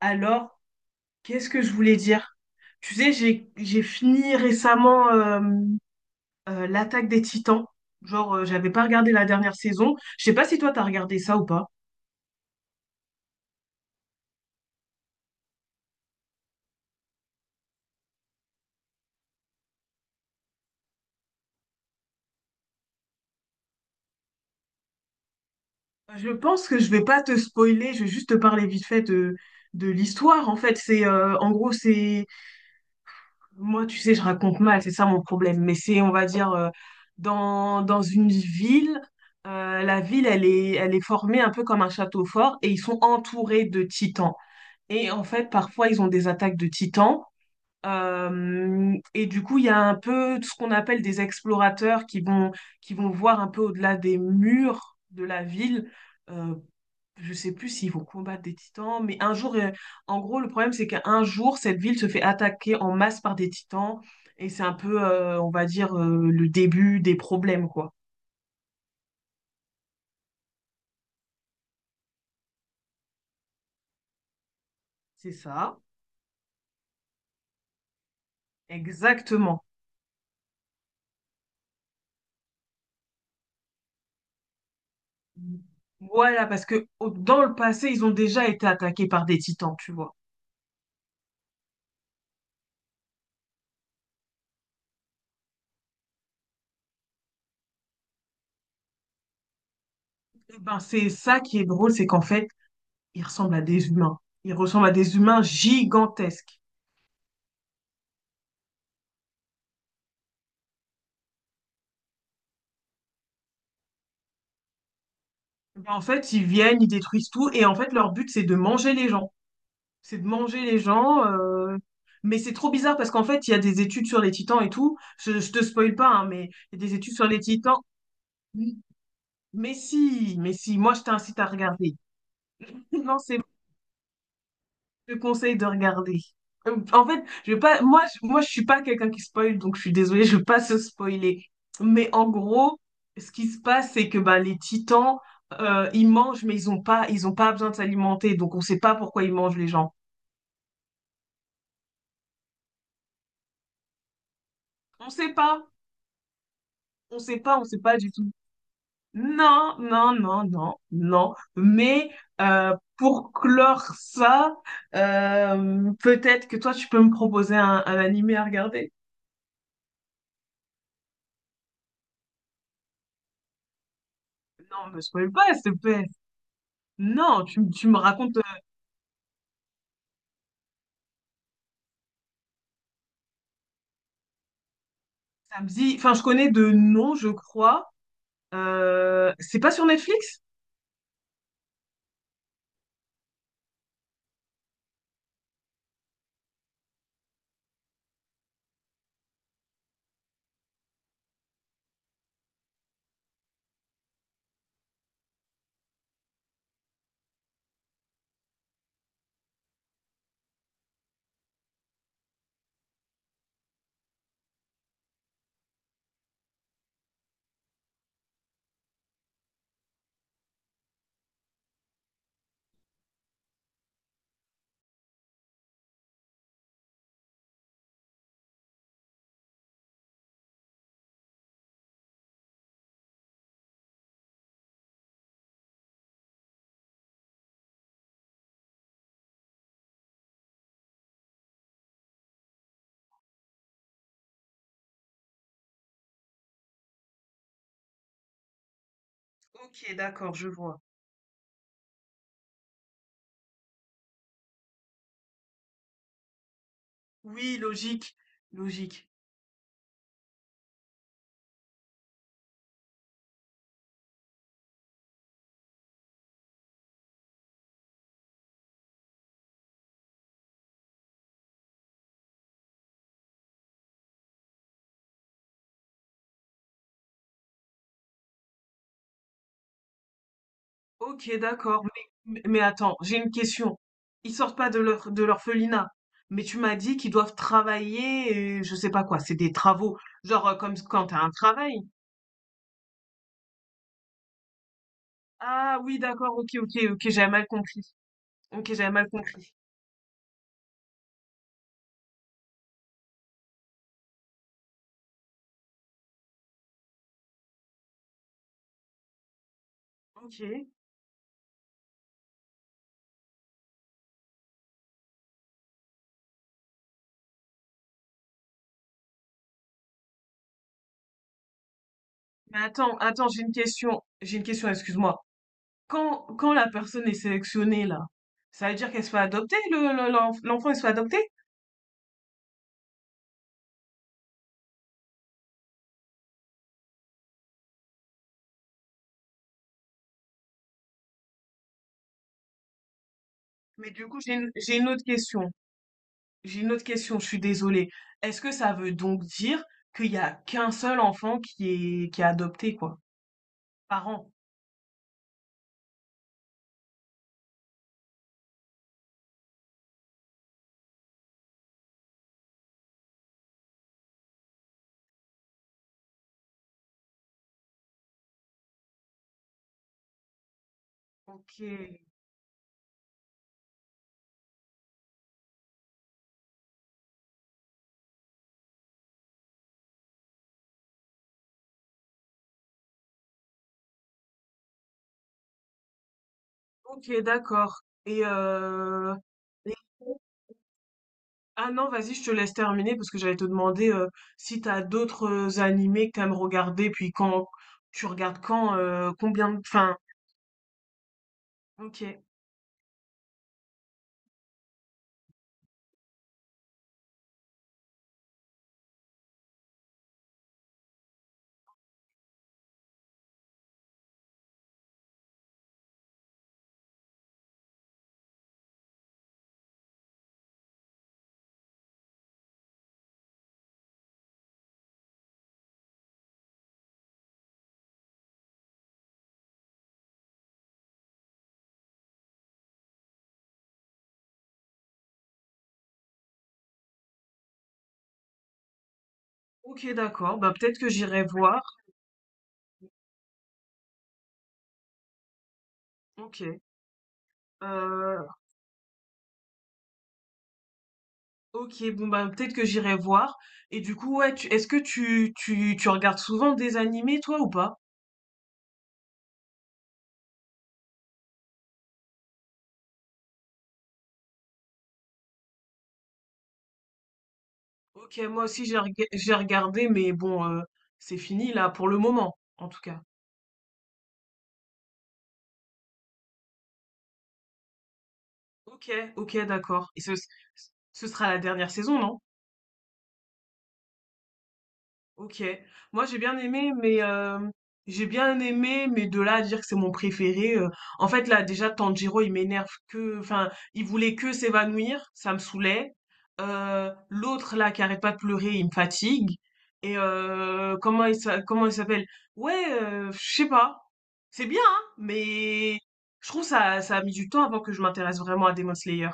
Alors, qu'est-ce que je voulais dire? Tu sais, j'ai fini récemment l'Attaque des Titans. Genre, j'avais pas regardé la dernière saison. Je sais pas si toi t'as regardé ça ou pas. Je pense que je vais pas te spoiler, je vais juste te parler vite fait de l'histoire. En fait, c'est en gros, c'est Moi, tu sais, je raconte mal, c'est ça mon problème. Mais c'est, on va dire, dans une ville, la ville, elle est formée un peu comme un château fort et ils sont entourés de titans. Et en fait, parfois, ils ont des attaques de titans et du coup, il y a un peu tout ce qu'on appelle des explorateurs qui vont voir un peu au-delà des murs de la ville. Euh, je sais plus s'ils vont combattre des titans, mais un jour, en gros, le problème, c'est qu'un jour, cette ville se fait attaquer en masse par des titans. Et c'est un peu, on va dire, le début des problèmes, quoi. C'est ça. Exactement. Voilà, parce que dans le passé, ils ont déjà été attaqués par des titans, tu vois. Eh ben, c'est ça qui est drôle, c'est qu'en fait, ils ressemblent à des humains. Ils ressemblent à des humains gigantesques. Eh ben, en fait, ils viennent, ils détruisent tout, et en fait, leur but, c'est de manger les gens. C'est de manger les gens. Mais c'est trop bizarre parce qu'en fait, il y a des études sur les titans et tout. Je te spoil pas, hein, mais il y a des études sur les titans. Mais si, moi, je t'incite à regarder. Non, c'est Je te conseille de regarder. En fait, je vais pas, moi, je suis pas quelqu'un qui spoil, donc je suis désolée, je vais pas se spoiler. Mais en gros, ce qui se passe, c'est que bah, les titans, ils mangent, mais ils ont pas besoin de s'alimenter, donc on sait pas pourquoi ils mangent les gens. On sait pas, on sait pas du tout. Non, non, non, non, non. Mais pour clore ça, peut-être que toi, tu peux me proposer un animé à regarder. Non, me spoil pas, s'il te plaît. Non, tu me racontes samedi. Enfin, je connais de nom, je crois. C'est pas sur Netflix? Ok, d'accord, je vois. Oui, logique, logique. Ok, d'accord. Mais attends, j'ai une question. Ils sortent pas de leur de l'orphelinat, mais tu m'as dit qu'ils doivent travailler, et je sais pas quoi, c'est des travaux, genre comme quand t'as un travail. Ah oui, d'accord, ok, ok, ok, j'avais mal compris. Ok, j'avais mal compris. Ok. Mais attends, attends, j'ai une question. J'ai une question, excuse-moi. Quand la personne est sélectionnée, là, ça veut dire qu'elle se fait adopter, l'enfant, il se fait adopter? Mais du coup, j'ai une autre question. J'ai une autre question, je suis désolée. Est-ce que ça veut donc dire qu'il y a qu'un seul enfant qui est adopté, quoi, par an? Ok. Ok, d'accord et et ah non, vas-y, je te laisse terminer parce que j'allais te demander, si t'as d'autres, animés que tu aimes regarder, puis quand tu regardes quand, combien de enfin, Ok. Ok, d'accord, bah, peut-être que j'irai voir. OK, heu, Ok, bon, bah, peut-être que j'irai voir et du coup, ouais, tu est-ce que tu regardes souvent des animés toi ou pas? Ok, moi aussi j'ai regardé mais bon, c'est fini là pour le moment, en tout cas. Ok, ok, d'accord. Et ce sera la dernière saison, non? Ok. Moi, j'ai bien aimé, mais j'ai bien aimé, mais de là à dire que c'est mon préféré. Euh, en fait, là, déjà, Tanjiro, enfin, il voulait que s'évanouir, ça me saoulait. L'autre là qui arrête pas de pleurer, il me fatigue. Et comment il s'appelle? Ouais, je sais pas. C'est bien, hein, mais je trouve ça a mis du temps avant que je m'intéresse vraiment à Demon Slayer.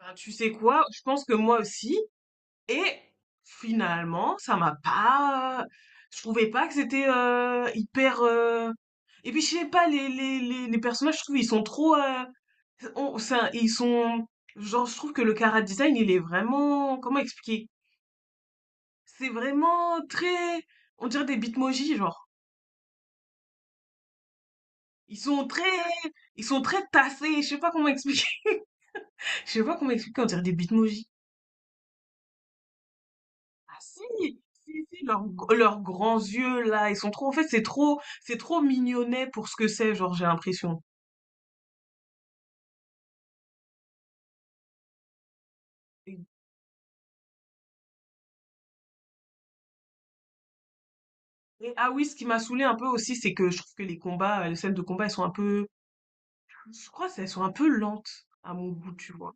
Ben, tu sais quoi? Je pense que moi aussi. Et finalement, ça m'a pas. Je trouvais pas que c'était hyper. Euh, et puis je sais pas, les personnages, je trouve, ils sont trop. Euh, c'est ils sont. Genre, je trouve que le chara design, il est vraiment. Comment expliquer? C'est vraiment très. On dirait des bitmojis, genre. Ils sont très. Ils sont très tassés. Je sais pas comment expliquer. Je sais pas comment expliquer. On dirait des bitmojis. Ah si, si, si, leurs grands yeux là, ils sont trop. En fait, c'est trop mignonnet pour ce que c'est, genre j'ai l'impression. Et, ah oui, ce qui m'a saoulé un peu aussi, c'est que je trouve que les combats, les scènes de combat, elles sont un peu, je crois, qu'elles sont un peu lentes à mon goût, tu vois.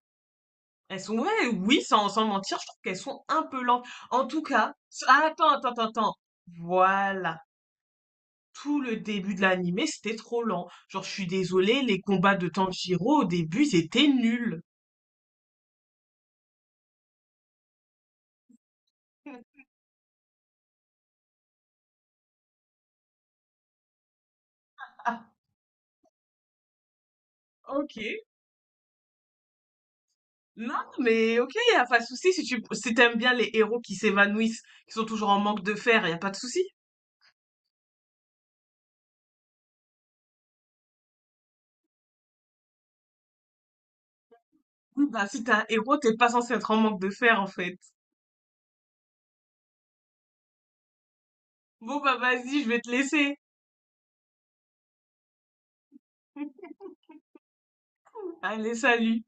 Elles sont, ouais, oui, sans mentir, je trouve qu'elles sont un peu lentes. En tout cas, ah, attends, attends, attends, attends. Voilà. Tout le début de l'animé, c'était trop lent. Genre, je suis désolée, les combats de Tanjiro au début, c'était nul. Ah, ok. Non, mais ok, y a pas de souci si t'aimes bien les héros qui s'évanouissent, qui sont toujours en manque de fer, y a pas de souci. Oui, bah si t'es un héros, t'es pas censé être en manque de fer en fait. Bon bah vas-y, je vais te laisser. Allez, salut.